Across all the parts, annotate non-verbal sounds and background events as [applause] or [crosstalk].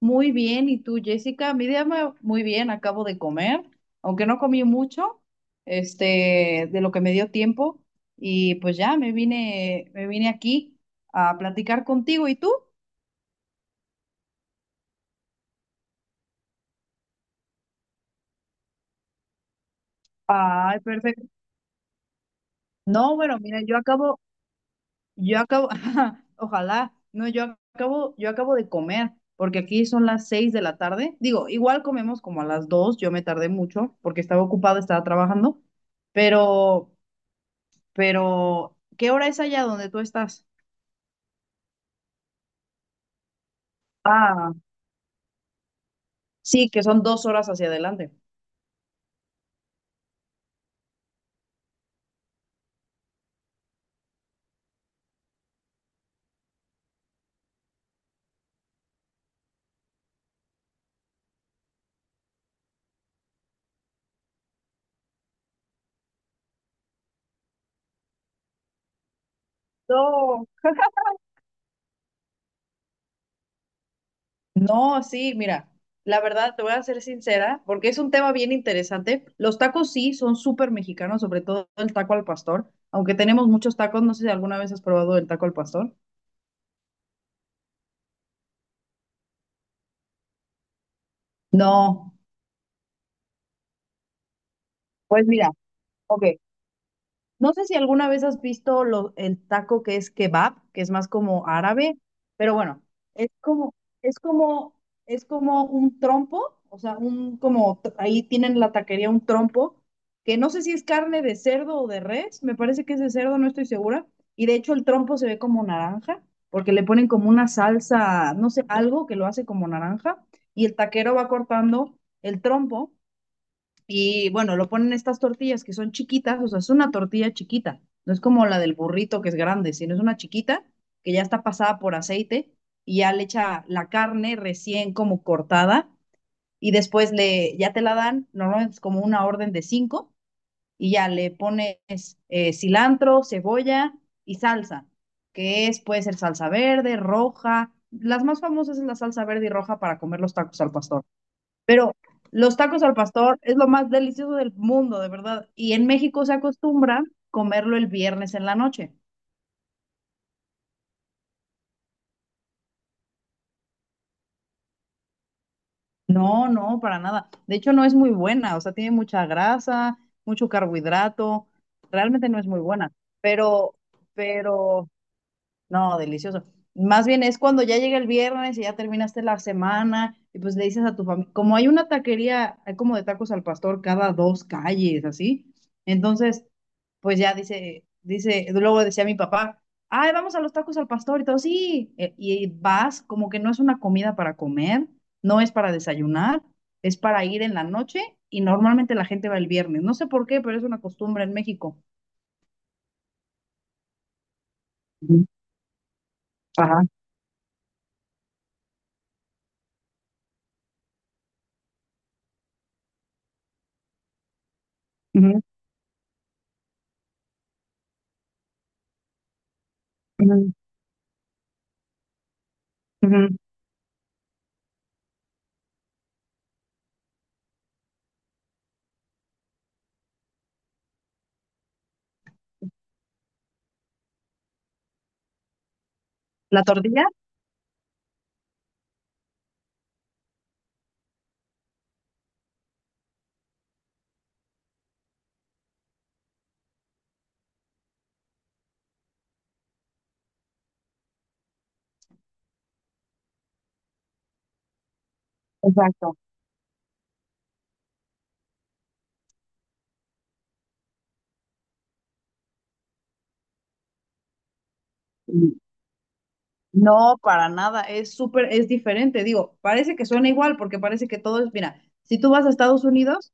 Muy bien, ¿y tú, Jessica? Muy bien, acabo de comer, aunque no comí mucho, de lo que me dio tiempo, y pues ya me vine aquí a platicar contigo, ¿y tú? Ay, perfecto. No, bueno, mira, yo acabo, [laughs] ojalá, no, yo acabo de comer, porque aquí son las 6 de la tarde. Digo, igual comemos como a las 2, yo me tardé mucho porque estaba ocupada, estaba trabajando, pero Pero, ¿qué hora es allá donde tú estás? Ah, sí, que son 2 horas hacia adelante. No. No, sí, mira, la verdad te voy a ser sincera, porque es un tema bien interesante. Los tacos sí son súper mexicanos, sobre todo el taco al pastor, aunque tenemos muchos tacos, no sé si alguna vez has probado el taco al pastor. No, pues mira, ok. No sé si alguna vez has visto el taco que es kebab, que es más como árabe, pero bueno, es como, es como, es como un trompo, o sea, ahí tienen la taquería un trompo, que no sé si es carne de cerdo o de res, me parece que es de cerdo, no estoy segura. Y de hecho el trompo se ve como naranja, porque le ponen como una salsa, no sé, algo que lo hace como naranja, y el taquero va cortando el trompo y bueno, lo ponen estas tortillas que son chiquitas, o sea, es una tortilla chiquita, no es como la del burrito que es grande, sino es una chiquita que ya está pasada por aceite y ya le echa la carne recién como cortada y después ya te la dan, normalmente es como una orden de cinco y ya le pones cilantro, cebolla y salsa, que es, puede ser salsa verde, roja, las más famosas es la salsa verde y roja para comer los tacos al pastor. Pero los tacos al pastor es lo más delicioso del mundo, de verdad. Y en México se acostumbra comerlo el viernes en la noche. No, no, para nada. De hecho, no es muy buena, o sea, tiene mucha grasa, mucho carbohidrato. Realmente no es muy buena, pero, pero, no, delicioso. Más bien es cuando ya llega el viernes y ya terminaste la semana y pues le dices a tu familia, como hay una taquería, hay como de tacos al pastor cada 2 calles, así. Entonces, pues ya dice, luego decía mi papá, ay, vamos a los tacos al pastor y todo, sí, y vas, como que no es una comida para comer, no es para desayunar, es para ir en la noche y normalmente la gente va el viernes, no sé por qué, pero es una costumbre en México. Ujú. Ajá. Ujú. Ujú. Ujú. La tortilla. Exacto. Mm, no, para nada, es súper, es diferente, digo, parece que suena igual porque parece que todo es, mira, si tú vas a Estados Unidos,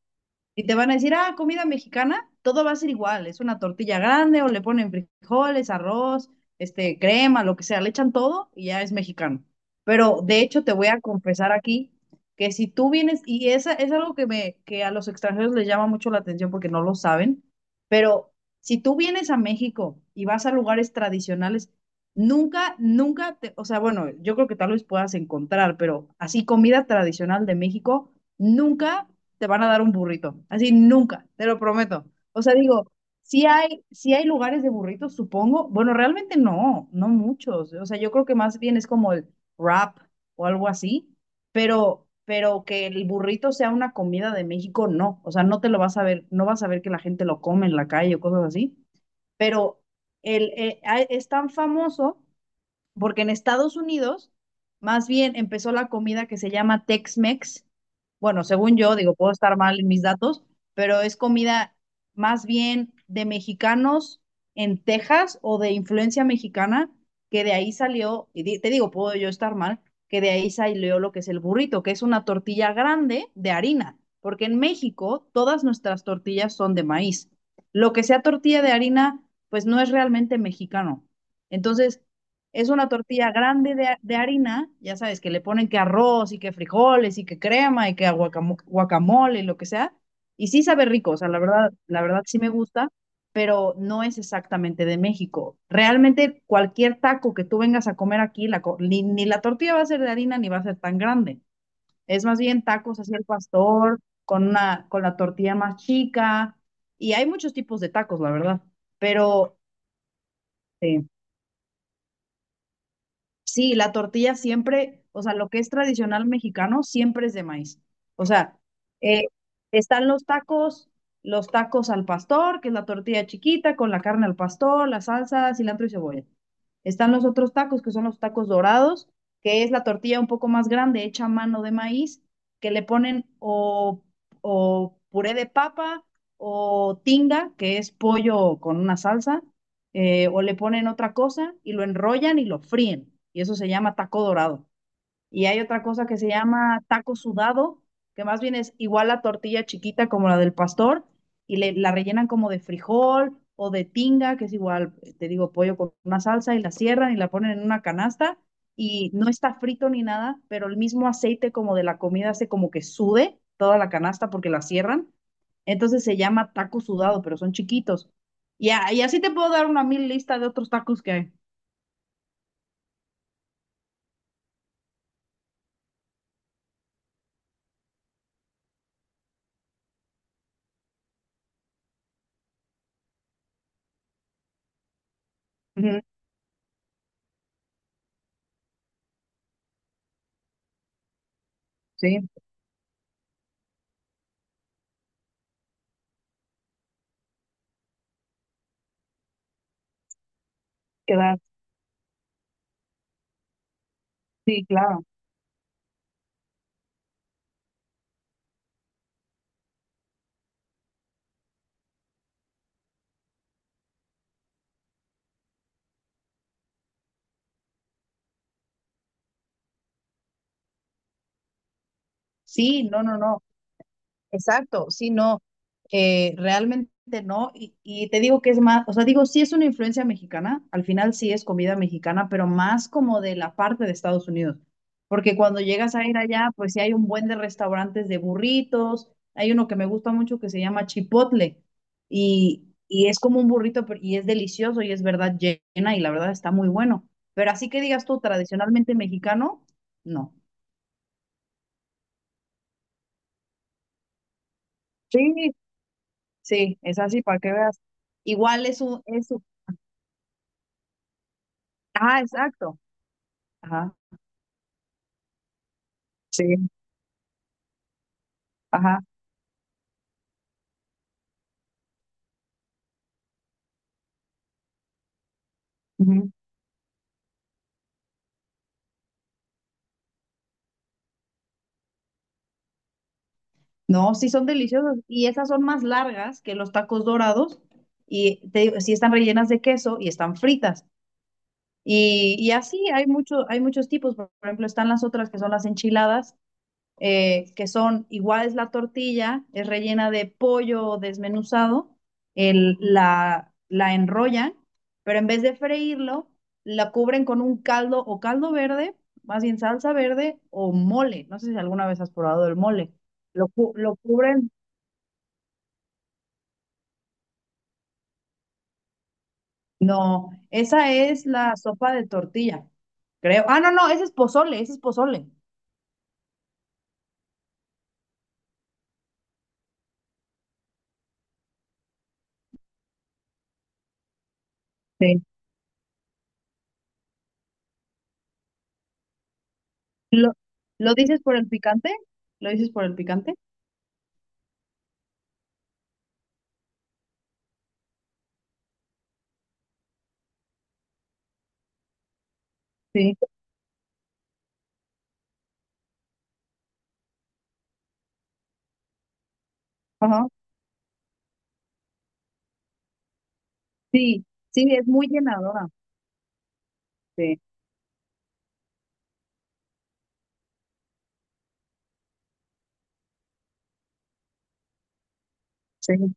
y te van a decir, ah, comida mexicana, todo va a ser igual, es una tortilla grande o le ponen frijoles, arroz, crema, lo que sea, le echan todo y ya es mexicano. Pero de hecho te voy a confesar aquí que si tú vienes, y esa es algo que a los extranjeros les llama mucho la atención porque no lo saben, pero si tú vienes a México y vas a lugares tradicionales, nunca, nunca te, o sea, bueno, yo creo que tal vez puedas encontrar, pero así comida tradicional de México, nunca te van a dar un burrito. Así nunca, te lo prometo. O sea, digo, sí hay lugares de burritos, supongo. Bueno, realmente no, no muchos. O sea, yo creo que más bien es como el wrap o algo así, pero que el burrito sea una comida de México, no. O sea, no te lo vas a ver, no vas a ver que la gente lo come en la calle o cosas así. Pero es tan famoso porque en Estados Unidos más bien empezó la comida que se llama Tex-Mex. Bueno, según yo, digo, puedo estar mal en mis datos, pero es comida más bien de mexicanos en Texas o de influencia mexicana, que de ahí salió, y te digo, puedo yo estar mal, que de ahí salió lo que es el burrito, que es una tortilla grande de harina, porque en México todas nuestras tortillas son de maíz. Lo que sea tortilla de harina, pues no es realmente mexicano. Entonces, es una tortilla grande de harina, ya sabes, que le ponen que arroz y que frijoles y que crema y que guacamole y lo que sea. Y sí sabe rico, o sea, la verdad, sí me gusta, pero no es exactamente de México. Realmente cualquier taco que tú vengas a comer aquí, ni la tortilla va a ser de harina ni va a ser tan grande. Es más bien tacos así al pastor, con la tortilla más chica. Y hay muchos tipos de tacos, la verdad. Pero sí. Sí, la tortilla siempre, o sea, lo que es tradicional mexicano siempre es de maíz. O sea, eh, están los tacos al pastor, que es la tortilla chiquita con la carne al pastor, la salsa, cilantro y cebolla. Están los otros tacos, que son los tacos dorados, que es la tortilla un poco más grande, hecha a mano de maíz, que le ponen o puré de papa o tinga, que es pollo con una salsa, o le ponen otra cosa y lo enrollan y lo fríen. Y eso se llama taco dorado. Y hay otra cosa que se llama taco sudado, que más bien es igual la tortilla chiquita como la del pastor, y la rellenan como de frijol o de tinga, que es igual, te digo, pollo con una salsa, y la cierran y la ponen en una canasta, y no está frito ni nada, pero el mismo aceite como de la comida hace como que sude toda la canasta porque la cierran. Entonces se llama taco sudado, pero son chiquitos. Y así te puedo dar una mil lista de otros tacos que hay. Ujú. Sí, queda, sí, claro. Sí, no, no, no. Exacto, sí, no, realmente no. Y te digo que es más, o sea, digo, sí es una influencia mexicana, al final sí es comida mexicana, pero más como de la parte de Estados Unidos. Porque cuando llegas a ir allá, pues sí hay un buen de restaurantes de burritos, hay uno que me gusta mucho que se llama Chipotle y es como un burrito y es delicioso y es verdad llena y la verdad está muy bueno. Pero así que digas tú, tradicionalmente mexicano, no. Sí, sí, es así, para que veas. Igual es un, ajá, exacto. Ajá, sí, ajá. Ujú. No, sí son deliciosos. Y esas son más largas que los tacos dorados. Y te digo, sí están rellenas de queso y están fritas. Y así hay muchos tipos. Por ejemplo, están las otras que son las enchiladas, que son igual es la tortilla, es rellena de pollo desmenuzado, la enrollan, pero en vez de freírlo, la cubren con un caldo o caldo verde, más bien salsa verde o mole. No sé si alguna vez has probado el mole. Lo cubren. No, esa es la sopa de tortilla, creo. Ah, no, no, ese es pozole, ese es pozole. Sí. ¿Lo, lo dices por el picante? ¿Lo dices por el picante? Sí. Ajá. Sí, sí, es muy llenadora. Sí, sí.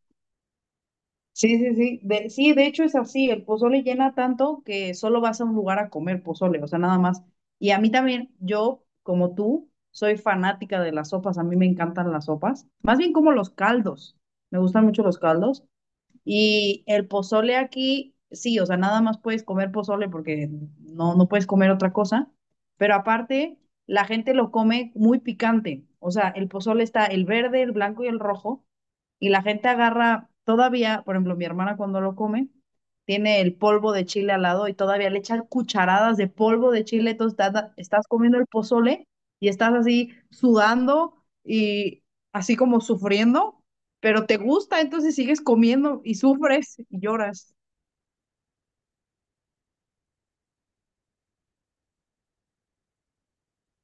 Sí, sí, sí. De, sí, de hecho es así, el pozole llena tanto que solo vas a un lugar a comer pozole, o sea, nada más. Y a mí también, yo, como tú, soy fanática de las sopas, a mí me encantan las sopas. Más bien como los caldos, me gustan mucho los caldos. Y el pozole aquí, sí, o sea, nada más puedes comer pozole porque no, no puedes comer otra cosa, pero aparte, la gente lo come muy picante. O sea, el pozole está el verde, el blanco y el rojo, y la gente agarra todavía, por ejemplo, mi hermana cuando lo come, tiene el polvo de chile al lado y todavía le echa cucharadas de polvo de chile, entonces estás comiendo el pozole y estás así sudando y así como sufriendo pero te gusta, entonces sigues comiendo y sufres y lloras.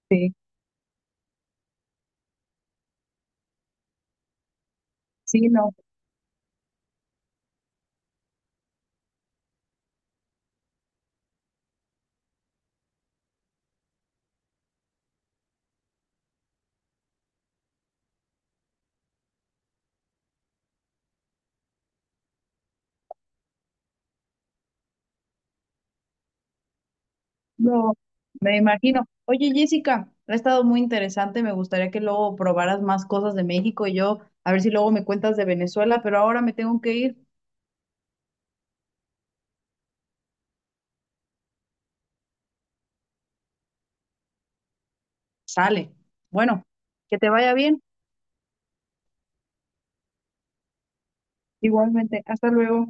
Sí, sí, no, no, me imagino. Oye, Jessica, ha estado muy interesante, me gustaría que luego probaras más cosas de México y yo, a ver si luego me cuentas de Venezuela, pero ahora me tengo que ir. Sale. Bueno, que te vaya bien. Igualmente, hasta luego.